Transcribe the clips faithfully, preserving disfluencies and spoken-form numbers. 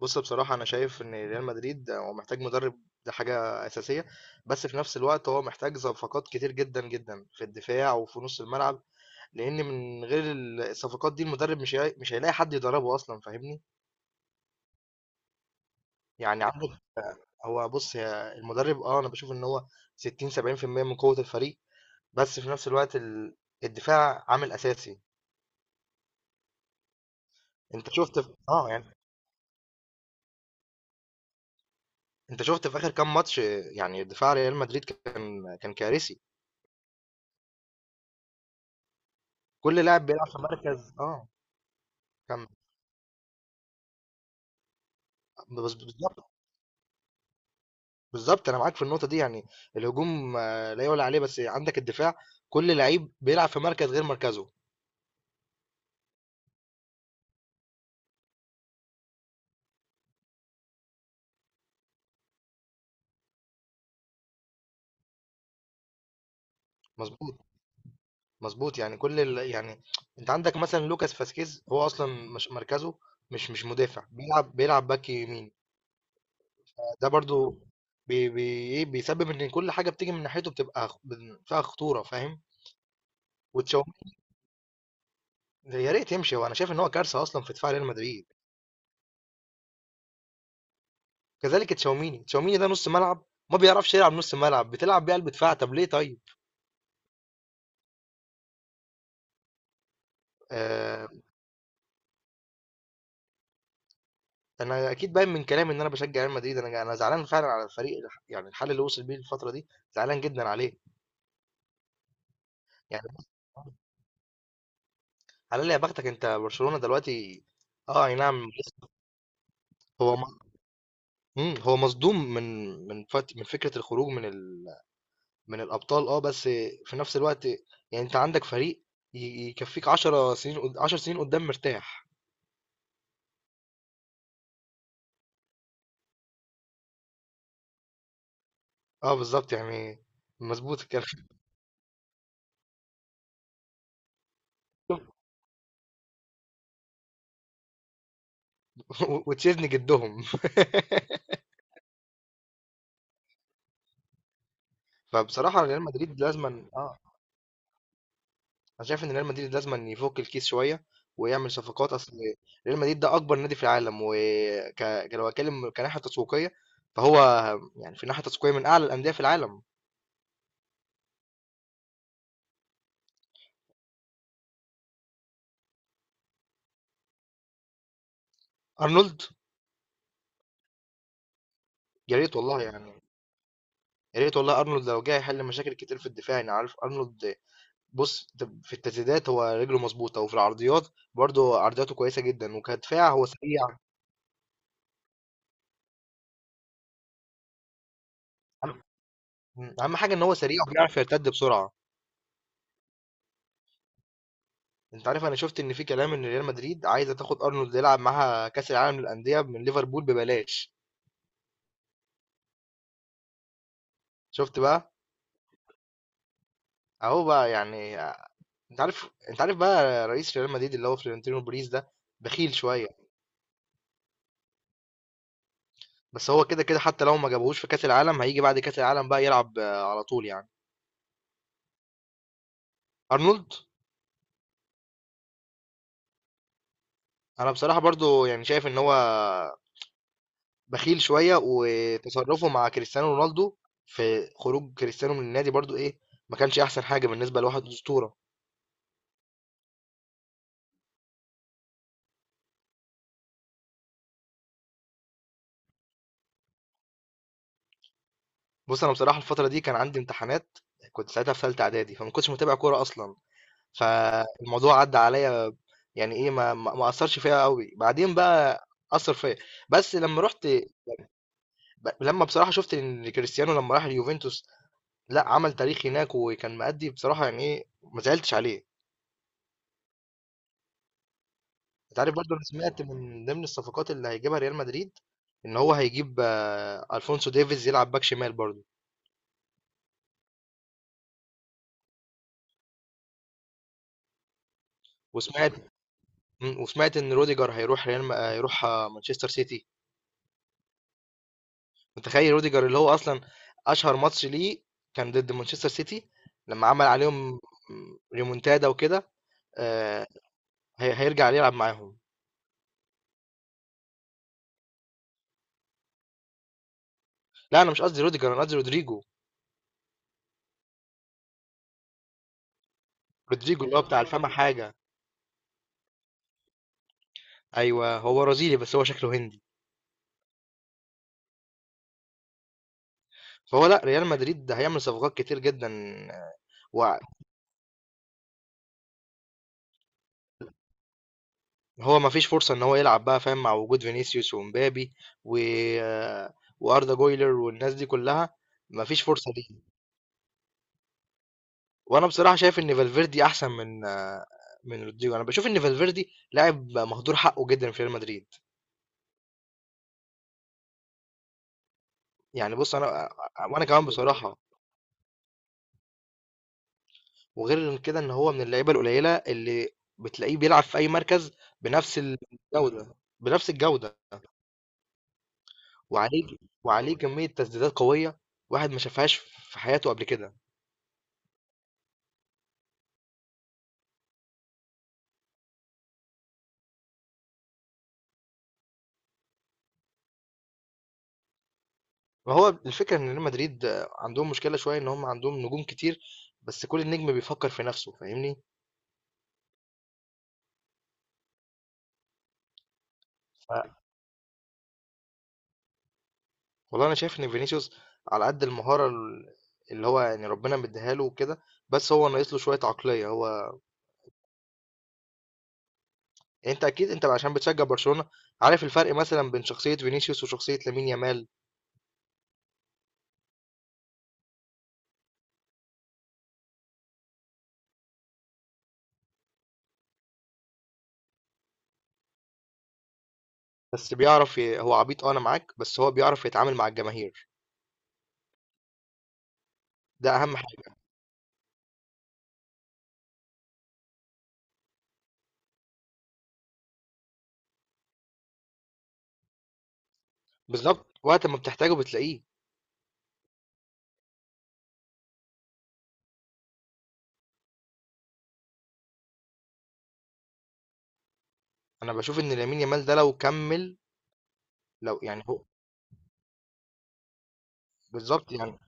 بُص، بصراحة أنا شايف إن ريال مدريد هو محتاج مدرب. دي حاجة أساسية، بس في نفس الوقت هو محتاج صفقات كتير جدًا، جدًا في الدفاع وفي نُص الملعب، لإن من غير ال الصفقات دي المدرب مش هي مش هيلاقي حد يدربه أصلًا، فاهمني؟ يعني عندك هو بُص هي المدرب، آه، أنا باشوف إن هو ستين، سبعين في المية من قوة الفريق، بس في نفس الوقت ال الدفاع عامل أساسي. أنت شُفت ف آه، يعني أنت شُفت في آخر كام ماتش، يعني دفاع ريال مدريد كان كان كارثي. كل لاعب بيلعب في مركز، آه، كان. بس بالظبط، بالظبط انا معاك في النقطه دي، يعني الهجوم، آه، لا يعلى عليه، بس عندك الدفاع، كل لعيب بيلعب في مركز غير مركزه. مظبوط مظبوط، يعني كل ال... يعني انت عندك مثلا لوكاس فاسكيز، هو اصلا مش مركزه، مش مش مدافع، بيلعب بيلعب باك يمين. ده برضو بي بي إيه، بيسبب ان كل حاجه بتيجي من ناحيته بتبقى خ- بن- فيها خطوره، فاهم؟ وتشاوميني، يا ريت يمشي، وانا شايف ان هو كارثه اصلا في دفاع ريال مدريد. كذلك تشاوميني، تشاوميني ده نص ملعب ما بيعرفش يلعب، نص ملعب بتلعب بيه قلب دفاع، طب ليه؟ طيب، آه، انا اكيد باين من كلامي ان انا بشجع ريال مدريد، انا انا زعلان فعلا على الفريق، يعني الحل اللي وصل بيه الفتره دي، زعلان جدا عليه. يعني على يا بختك، انت برشلونه دلوقتي. اه، اي نعم. هو م... مم، هو مصدوم من من فت... من فكره الخروج من ال... من الابطال. اه بس في نفس الوقت، يعني انت عندك فريق، ي- يكفيك عشر سنين، قد- عشر سنين قدام مرتاح. اه، بالظبط، يعني مظبوت الكلام. وتشيزني جدهم. فبصراحه ريال مدريد لازما، اه انا شايف ان ريال مدريد لازم أن يفك الكيس شويه ويعمل صفقات اصل. ريال مدريد ده اكبر نادي في العالم، وك لو اتكلم كناحيه تسويقيه، فهو يعني في ناحيه تسويقيه من اعلى الانديه في العالم. ارنولد. يا ريت والله يعني يا ريت والله ارنولد لو جه يحل مشاكل كتير في الدفاع. انا عارف ارنولد. بص، ده في التسديدات هو رجله مظبوطه، وفي العرضيات برضه عرضياته كويسه جدا، وكدفاع هو سريع. أهم أهم حاجه ان هو سريع وبيعرف يرتد بسرعه. انت عارف، انا شفت ان في كلام ان ريال مدريد عايزه تاخد ارنولد يلعب معاها كاس العالم للانديه من ليفربول ببلاش. شفت بقى؟ اهو بقى يعني. انت عارف انت عارف بقى رئيس ريال مدريد اللي هو فلورنتينو بيريز ده بخيل شويه. بس هو كده كده، حتى لو ما جابهوش في كاس العالم هيجي بعد كاس العالم بقى يلعب، آه، على طول يعني. ارنولد. انا بصراحه برضو يعني شايف ان هو بخيل شويه، وتصرفه مع كريستيانو رونالدو في خروج كريستيانو من النادي برضو، ايه، ما كانش احسن حاجه بالنسبه لواحد اسطوره. بص، انا بصراحه الفتره دي كان عندي امتحانات، كنت ساعتها في ثالثه اعدادي، فما كنتش متابع كوره اصلا، فالموضوع عدى عليا. يعني ايه، ما ما ما اثرش فيا قوي. بعدين بقى اثر فيا، بس لما رحت، ب- لما بصراحه شفت ان كريستيانو لما راح اليوفنتوس، لا عمل تاريخ هناك وكان مأدي بصراحه، يعني ايه، ما زعلتش عليه. انت عارف برضه، انا سمعت من ضمن الصفقات اللي هيجيبها ريال مدريد ان هو هيجيب، آه، الفونسو ديفيز يلعب باك شمال برضه. وسمعت مم، وسمعت ان روديجر هيروح ريال م- آه، هيروح آه، مانشستر سيتي. متخيل روديجر اللي هو اصلا اشهر ماتش ليه كان ضد مانشستر سيتي، لما عمل عليهم ريمونتادا وكده. آه، هي- هيرجع يلعب معاهم. لا، انا مش قصدي روديجر، انا قصدي رودريجو. رودريجو اللي هو بتاع الفم حاجه. ايوه، هو برازيلي بس هو شكله هندي. فهو، لا ريال مدريد ده هيعمل صفقات كتير جدا. آه، وهو ما فيش فرصه ان هو يلعب بقى، فاهم، مع وجود فينيسيوس ومبابي و، آه، واردا جويلر والناس دي كلها. ما فيش فرصه ليه. وانا بصراحه شايف ان فالفيردي احسن من، آه، من رودريجو. انا بشوف ان فالفيردي لاعب مهدور حقه جدا في ريال مدريد. يعني بص انا. وانا كمان بصراحه، وغير إن كده ان هو من اللعيبه القليله اللي بتلاقيه بيلعب في اي مركز بنفس الجوده، بنفس الجوده. وعليه وعليه كميه تسديدات قويه واحد ما شافهاش في حياته قبل كده. وهو الفكره ان ريال مدريد، آه، عندهم مشكله شويه ان هم عندهم نجوم كتير، بس كل نجم بيفكر في نفسه، فاهمني؟ والله انا شايف ان فينيسيوس على قد المهاره ال- اللي هو يعني ربنا مديها له وكده، بس هو ناقص له شويه عقليه. هو يعني، انت اكيد، انت عشان بتشجع برشلونه، عارف الفرق مثلا بين شخصيه فينيسيوس وشخصيه لامين يامال. بس بيعرف ي... هو عبيط، اه، انا معاك، بس هو بيعرف يتعامل مع الجماهير. ده اهم حاجه. بالظبط، وقت ما بتحتاجه بتلاقيه. انا بشوف ان لامين يامال ده لو كمل، لو يعني هو بالظبط يعني.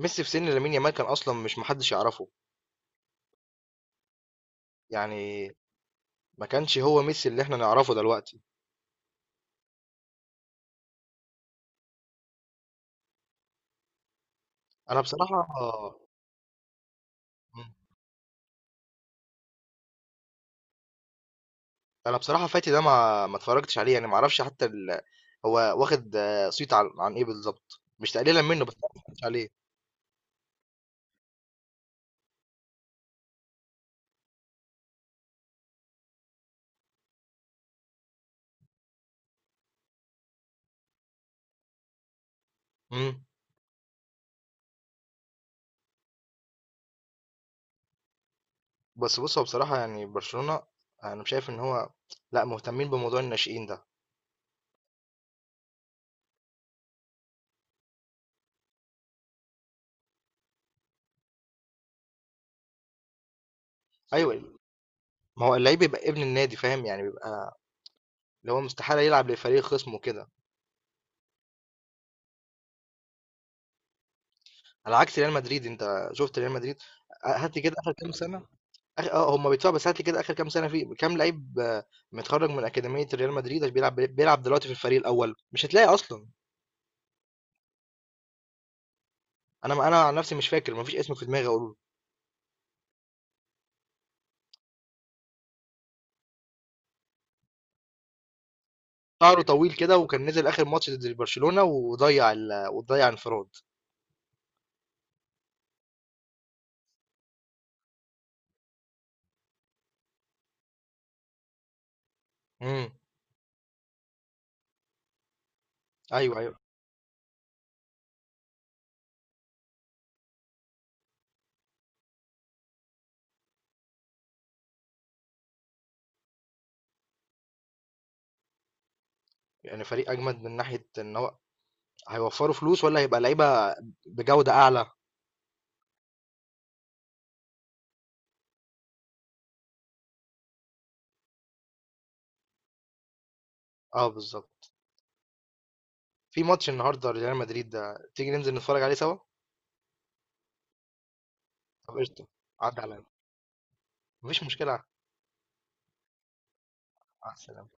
ميسي في سن لامين يامال كان اصلا مش، محدش يعرفه، يعني ما كانش هو ميسي اللي احنا نعرفه دلوقتي. انا بصراحه انا بصراحه فاتي ده ما ما اتفرجتش عليه، يعني ما اعرفش حتى ال... هو واخد، آه، صيت عن عن ايه بالظبط، مش تقليلا منه، بس أنا ما اتفرجتش عليه. امم. بس بص هو بصراحه يعني برشلونه، انا شايف ان هو لا، مهتمين بموضوع الناشئين ده. ايوه، ما هو اللعيب بيبقى ابن النادي، فاهم، يعني بيبقى اللي هو مستحاله يلعب لفريق خصمه كده. على عكس ريال مدريد، انت شفت ريال مدريد؟ آه، هات لي كده اخر كام سنه، آخر- اه هم بيدفعوا، بس هات لي كده اخر كام سنه في كام لعيب، آه، متخرج من اكاديميه ريال مدريد بيلعب بيلعب دلوقتي في الفريق الاول. مش هتلاقي اصلا. أنا، ما أنا عن نفسي مش فاكر، ما فيش اسم في دماغي أقوله. شعره طويل كده وكان نزل آخر ماتش ضد برشلونة وضيع ال... وضيع انفراد. امم. أيوه، أيوه. يعني فريق أجمد من ناحية إن هو هيوفروا فلوس، ولا هيبقى لعيبة بجودة أعلى. أه، بالظبط. في ماتش النهاردة ريال مدريد، ده تيجي ننزل نتفرج عليه سوا؟ طب قشطة. عدى عليا، مفيش مشكلة. على السلامة.